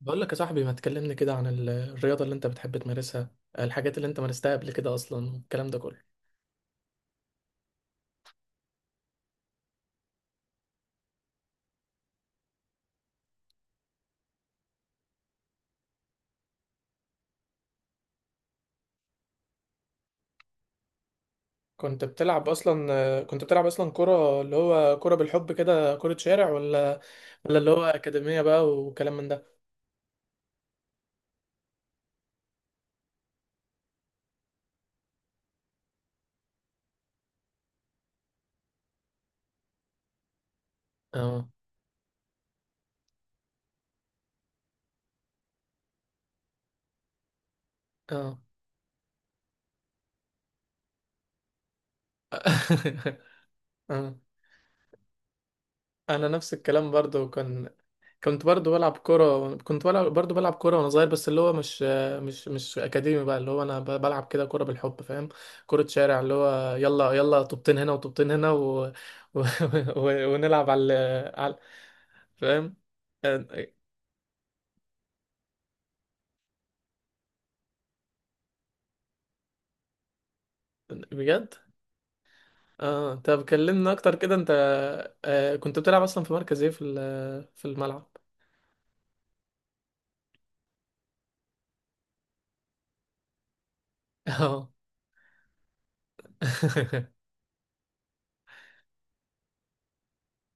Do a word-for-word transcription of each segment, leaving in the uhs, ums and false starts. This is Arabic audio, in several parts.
بقول لك يا صاحبي، ما تكلمني كده عن ال- الرياضة اللي انت بتحب تمارسها. الحاجات اللي انت مارستها قبل كده، اصلا الكلام ده كله. كنت بتلعب اصلا كنت بتلعب اصلا كرة، اللي هو كرة بالحب كده، كرة شارع، ولا ولا اللي هو أكاديمية بقى وكلام من ده؟ اه، اه. آه. انا نفس الكلام برضو كان كنت برضو بلعب كرة كنت بلعب برضو بلعب كرة وأنا صغير، بس اللي هو مش مش مش أكاديمي بقى، اللي هو أنا ب- بلعب كده كرة بالحب، فاهم؟ كرة شارع، اللي هو يلا يلا، طوبتين هنا وطوبتين هنا و... و... و... ونلعب على على، فاهم. بجد؟ اه، طب كلمنا أكتر كده. أنت آه، كنت بتلعب أصلا في مركز إيه؟ في ال- في الملعب؟ اه.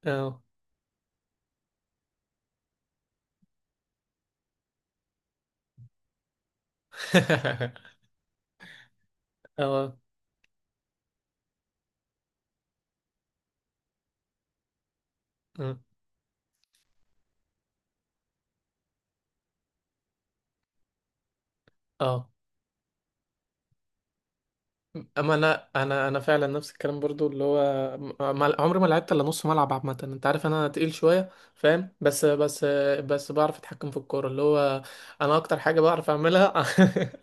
اه. اه، اه. اما انا انا انا فعلا نفس الكلام برضو، اللي هو م- ما- عمري ما لعبت الا نص ملعب عامه. انت عارف انا تقيل شويه، فاهم؟ بس بس بس بعرف اتحكم في الكوره، اللي هو انا اكتر حاجه بعرف اعملها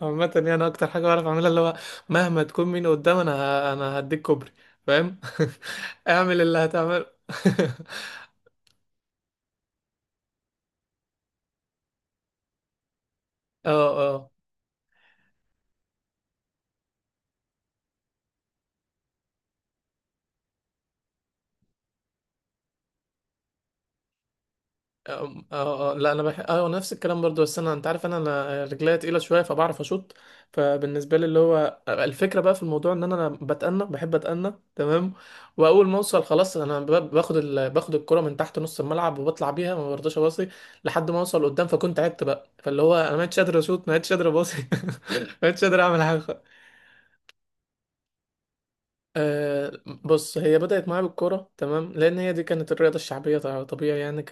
عامه، يعني انا اكتر حاجه بعرف اعملها اللي هو، مهما تكون مين قدام انا ه- انا هديك كوبري، فاهم؟ اعمل اللي هتعمله. اه، اه. اه، اه، لا، انا بح... اه نفس الكلام برضو، بس انا انت عارف، انا انا رجليا تقيله شويه، فبعرف اشوط. فبالنسبه لي اللي هو آه، الفكره بقى في الموضوع ان انا بتأنى، بحب اتأنى، تمام. واول ما اوصل خلاص انا ب- باخد ال... باخد الكره من تحت نص الملعب وبطلع بيها، ما برضاش اباصي لحد ما اوصل قدام، فكنت تعبت بقى، فاللي هو انا ما عدتش قادر اشوط، ما عدتش قادر اباصي، ما عدتش قادر اعمل حاجه. أه. بص، هي بدأت معايا بالكورة تمام، لأن هي دي كانت الرياضة الشعبية، ط- طبيعي يعني، ك...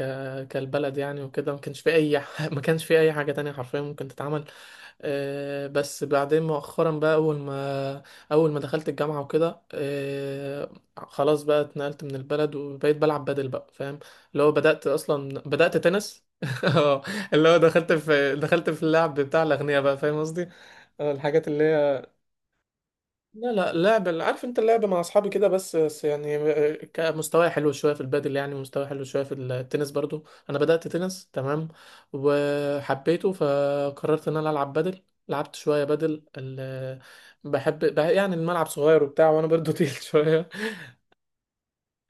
كالبلد يعني وكده، ما كانش في أي ح- ما كانش في أي حاجة تانية حرفيا ممكن تتعمل. أه، بس بعدين مؤخرا بقى، أول ما أول ما دخلت الجامعة وكده، أه، خلاص بقى اتنقلت من البلد وبقيت بلعب بدل بقى، فاهم؟ اللي هو بدأت أصلا بدأت تنس. اه، اللي هو دخلت في دخلت في اللعب بتاع الأغنياء بقى، فاهم قصدي؟ اه، الحاجات اللي هي، لا لا، لعبة، عارف انت، اللعبة مع اصحابي كده بس، بس يعني كمستوى حلو شوية في البادل يعني، ومستوى حلو شوية في التنس برضو. انا بدأت تنس تمام، وحبيته فقررت ان انا العب بادل. لعبت شوية بادل، ال... بحب بح- يعني الملعب صغير وبتاع، وانا برضو تقيل شوية.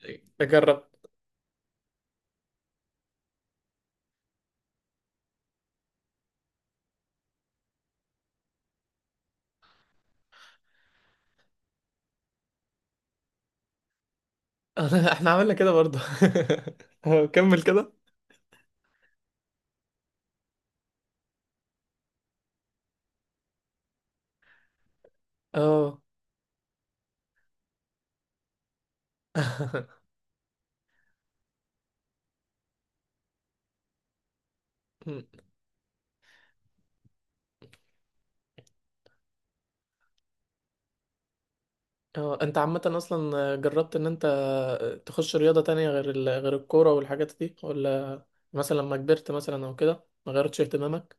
اجرب. احنا عملنا كده برضو. كمل كده. اه. اه. انت عامة اصلا جربت ان انت تخش رياضة تانية غير ال... غير الكورة والحاجات دي؟ ولا مثلا لما كبرت مثلا او كده ما غيرتش اهتمامك؟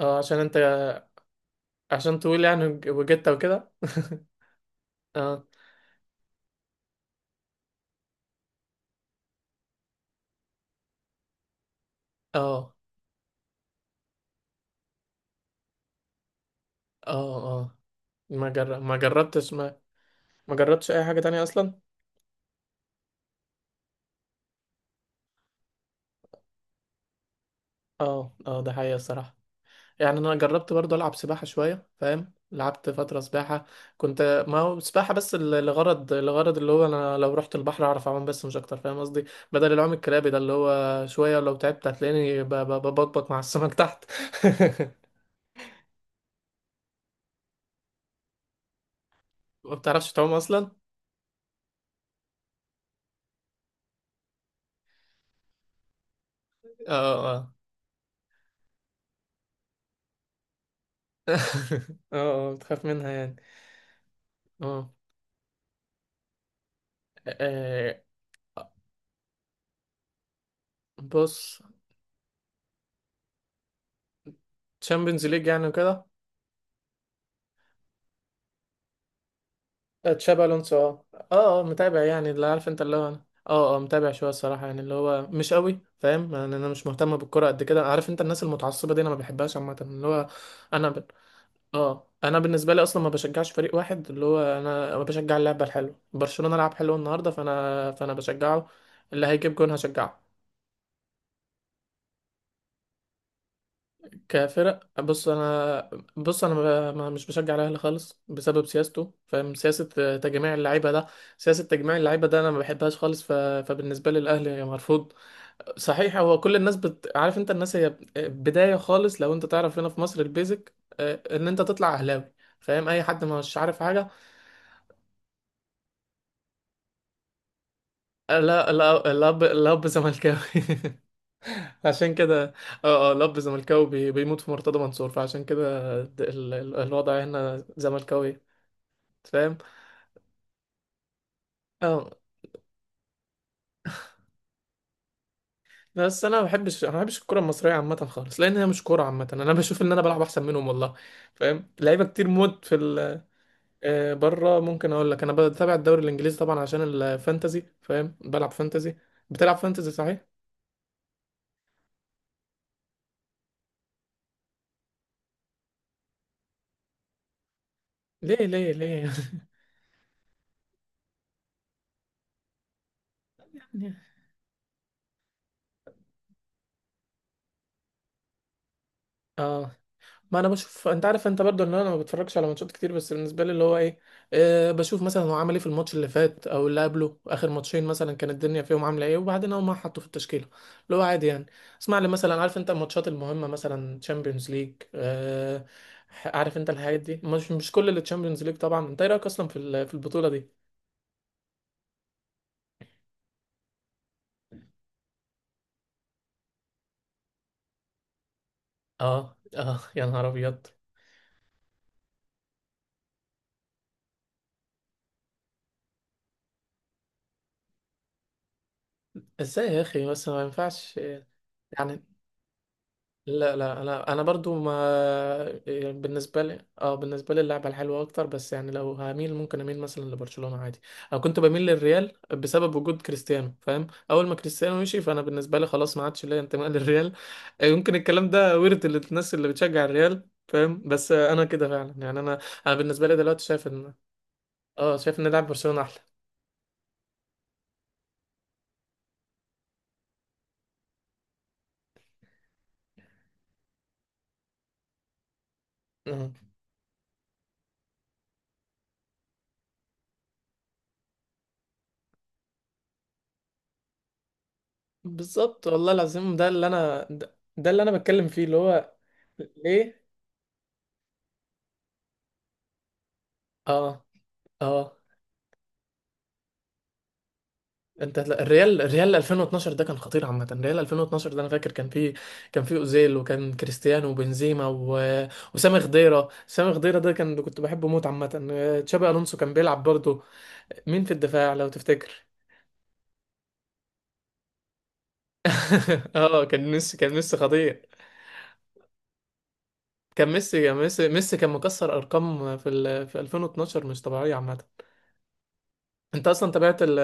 اه، عشان انت عشان طويل يعني وج- وجدت وكده؟ اه، اه، اه، اه. ما جر... ما جربتش ما ما جربتش اي حاجة تانية اصلا. اه، اه، ده حقيقة الصراحة. يعني انا جربت برضه العب سباحه شويه، فاهم؟ لعبت فتره سباحه، كنت ما هو سباحه بس ل- لغرض، لغرض اللي هو انا لو رحت البحر اعرف اعوم بس، مش اكتر، فاهم قصدي؟ بدل العوم الكرابي ده، اللي هو شويه لو تعبت هتلاقيني ب- ب- ببطبط مع السمك تحت. ما بتعرفش تعوم اصلا؟ اه، اه. اه. آه، بتخاف منها يعني. اه. آه، بص. تشامبيونز ليج يعني وكده. تشابي الونسو، اه، اه، آه، متابع يعني، اللي عارف انت اللي هو انا اه اه متابع شويه الصراحه، يعني اللي هو مش قوي، فاهم يعني؟ انا مش مهتم بالكوره قد كده، عارف انت الناس المتعصبه دي انا ما بحبهاش عامه اللي هو. انا ب... اه انا بالنسبه لي اصلا ما بشجعش فريق واحد، اللي هو انا بشجع اللعبه الحلوه. برشلونه لعب حلو النهارده، فانا فانا بشجعه. اللي هيجيب جون هشجعه. كفرق، بص انا، بص انا، ب- ما مش بشجع الاهلي خالص بسبب سياسته، فاهم؟ سياسه آه، تجميع اللعيبه ده، سياسه تجميع اللعيبه ده انا ما بحبهاش خالص، ف... فبالنسبه لي الاهلي مرفوض. صحيح، هو كل الناس بت... عارف انت الناس هي آه، بدايه خالص، لو انت تعرف هنا في مصر البيزك، آه، ان انت تطلع اهلاوي، فاهم؟ اي حد مش عارف حاجه. آه، لا لا، الاب الاب زملكاوي. عشان كده، اه اه، الاب زملكاوي بي- بيموت في مرتضى منصور، فعشان كده د- ال- ال- الوضع هنا زملكاوي، فاهم؟ اه. بس انا ما بحبش، انا ما بحبش الكره المصريه عامه خالص، لان هي مش كوره عامه، انا بشوف ان انا بلعب احسن منهم والله. فاهم؟ لعيبه كتير موت في ال- آه، بره ممكن اقول لك انا بتابع الدوري الانجليزي طبعا عشان الفانتازي، فاهم؟ بلعب فانتازي. بتلعب فانتازي صحيح. ليه ليه ليه؟ اه، ما انا بشوف، انت عارف انت برضو ان انا ما بتفرجش على ماتشات كتير، بس بالنسبه لي اللي هو ايه، أه بشوف مثلا هو عمل ايه في الماتش اللي فات او اللي قبله، اخر ماتشين مثلا كانت الدنيا فيهم عامله ايه، وبعدين اول ما حطه في التشكيله، اللي هو عادي يعني. اسمع لي مثلا، عارف انت الماتشات المهمه مثلا، تشامبيونز ليج، أه. عارف انت الحاجات دي، مش مش كل اللي تشامبيونز ليج طبعا. انت ايه رايك اصلا في ال- في البطوله دي؟ اه اه، يا نهار ابيض. ازاي يا اخي، بس ما ينفعش. يعني لا لا، انا انا برضو، ما يعني بالنسبه لي، اه بالنسبه لي اللعبه الحلوه اكتر، بس يعني لو هميل ممكن اميل مثلا لبرشلونه عادي. انا كنت بميل للريال بسبب وجود كريستيانو، فاهم؟ اول ما كريستيانو مشي فانا بالنسبه لي خلاص ما عادش ليا انتماء للريال. آه، يمكن الكلام ده ورد اللي- الناس اللي بتشجع الريال، فاهم؟ بس آه، انا كده فعلا، يعني انا. انا بالنسبه لي دلوقتي شايف ان، اه، شايف ان لعب برشلونه احلى. آه. بالظبط والله العظيم، ده اللي انا، ده ده اللي انا بتكلم فيه، اللي هو ليه. اه، اه. انت لا، الريال الريال ألفين واتناشر ده كان خطير عامه، الريال ألفين واتناشر ده انا فاكر كان فيه، كان فيه اوزيل، وكان كريستيانو، وبنزيما، و... وسامي خضيره. سامي خضيره ده كان، كنت بحبه موت عامه. آه، تشابي الونسو كان بيلعب برضه. مين في الدفاع لو تفتكر؟ اه، كان ميسي كان ميسي خطير. كان ميسي كان ميسي ميسي كان مكسر ارقام في ال... في ألفين واثنا عشر مش طبيعيه عامه. انت اصلا تابعت ال...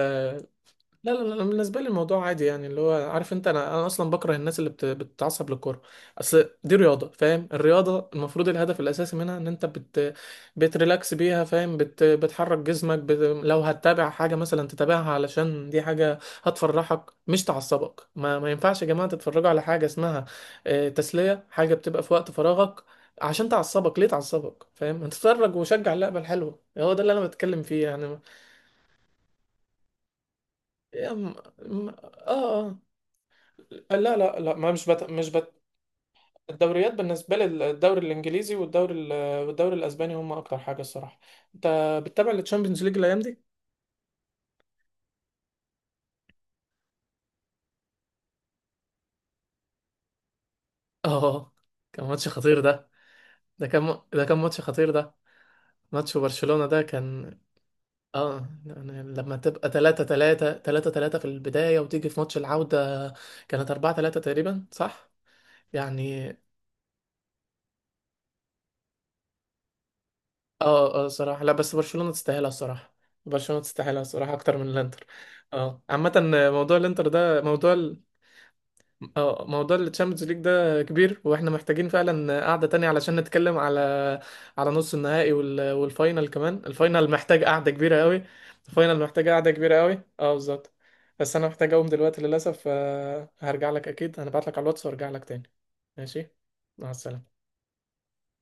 لا لا لا، بالنسبة لي الموضوع عادي، يعني اللي هو عارف انت، انا انا اصلا بكره الناس اللي بت... بتتعصب للكورة. اصل دي رياضة، فاهم؟ الرياضة المفروض الهدف الاساسي منها ان انت بت... بتريلاكس بيها، فاهم؟ بت... بتحرك جسمك بت... لو هتتابع حاجة مثلا تتابعها علشان دي حاجة هتفرحك مش تعصبك. ما ما ينفعش يا جماعة تتفرجوا على حاجة اسمها آه، تسلية، حاجة بتبقى في وقت فراغك، عشان تعصبك، ليه تعصبك، فاهم؟ اتفرج وشجع اللعبة الحلوة، هو ده اللي انا بتكلم فيه يعني. يا م- م- اه، اه، لا لا لا، ما مش بت... مش بت... الدوريات بالنسبة لي، الدوري الإنجليزي، والدوري ال... والدوري الأسباني، هم أكتر حاجة الصراحة. أنت بتتابع التشامبيونز ليج الأيام دي؟ اه، كان ماتش خطير ده. ده كان م... ده كان ماتش خطير ده، ماتش برشلونة ده كان، اه، يعني لما تبقى تلاتة تلاتة تلاتة تلاتة في البداية، وتيجي في ماتش العودة كانت اربعة تلاتة تقريبا، صح يعني. اه، اه، صراحة لا، بس برشلونة تستاهلها الصراحة، برشلونة تستاهلها الصراحة اكتر من الانتر. اه، عامة موضوع الانتر ده، موضوع ال... اه، موضوع التشامبيونز ليج ده كبير، واحنا محتاجين فعلا قعدة تانية علشان نتكلم على على نص النهائي وال... والفاينل كمان، الفاينل محتاج قعدة كبيرة قوي. الفاينل محتاج قعدة كبيرة قوي، اه بالظبط. بس انا محتاج اقوم دلوقتي للاسف، آه، هرجع لك اكيد، هنبعت لك على الواتس وارجع لك تاني. ماشي. مع السلامة.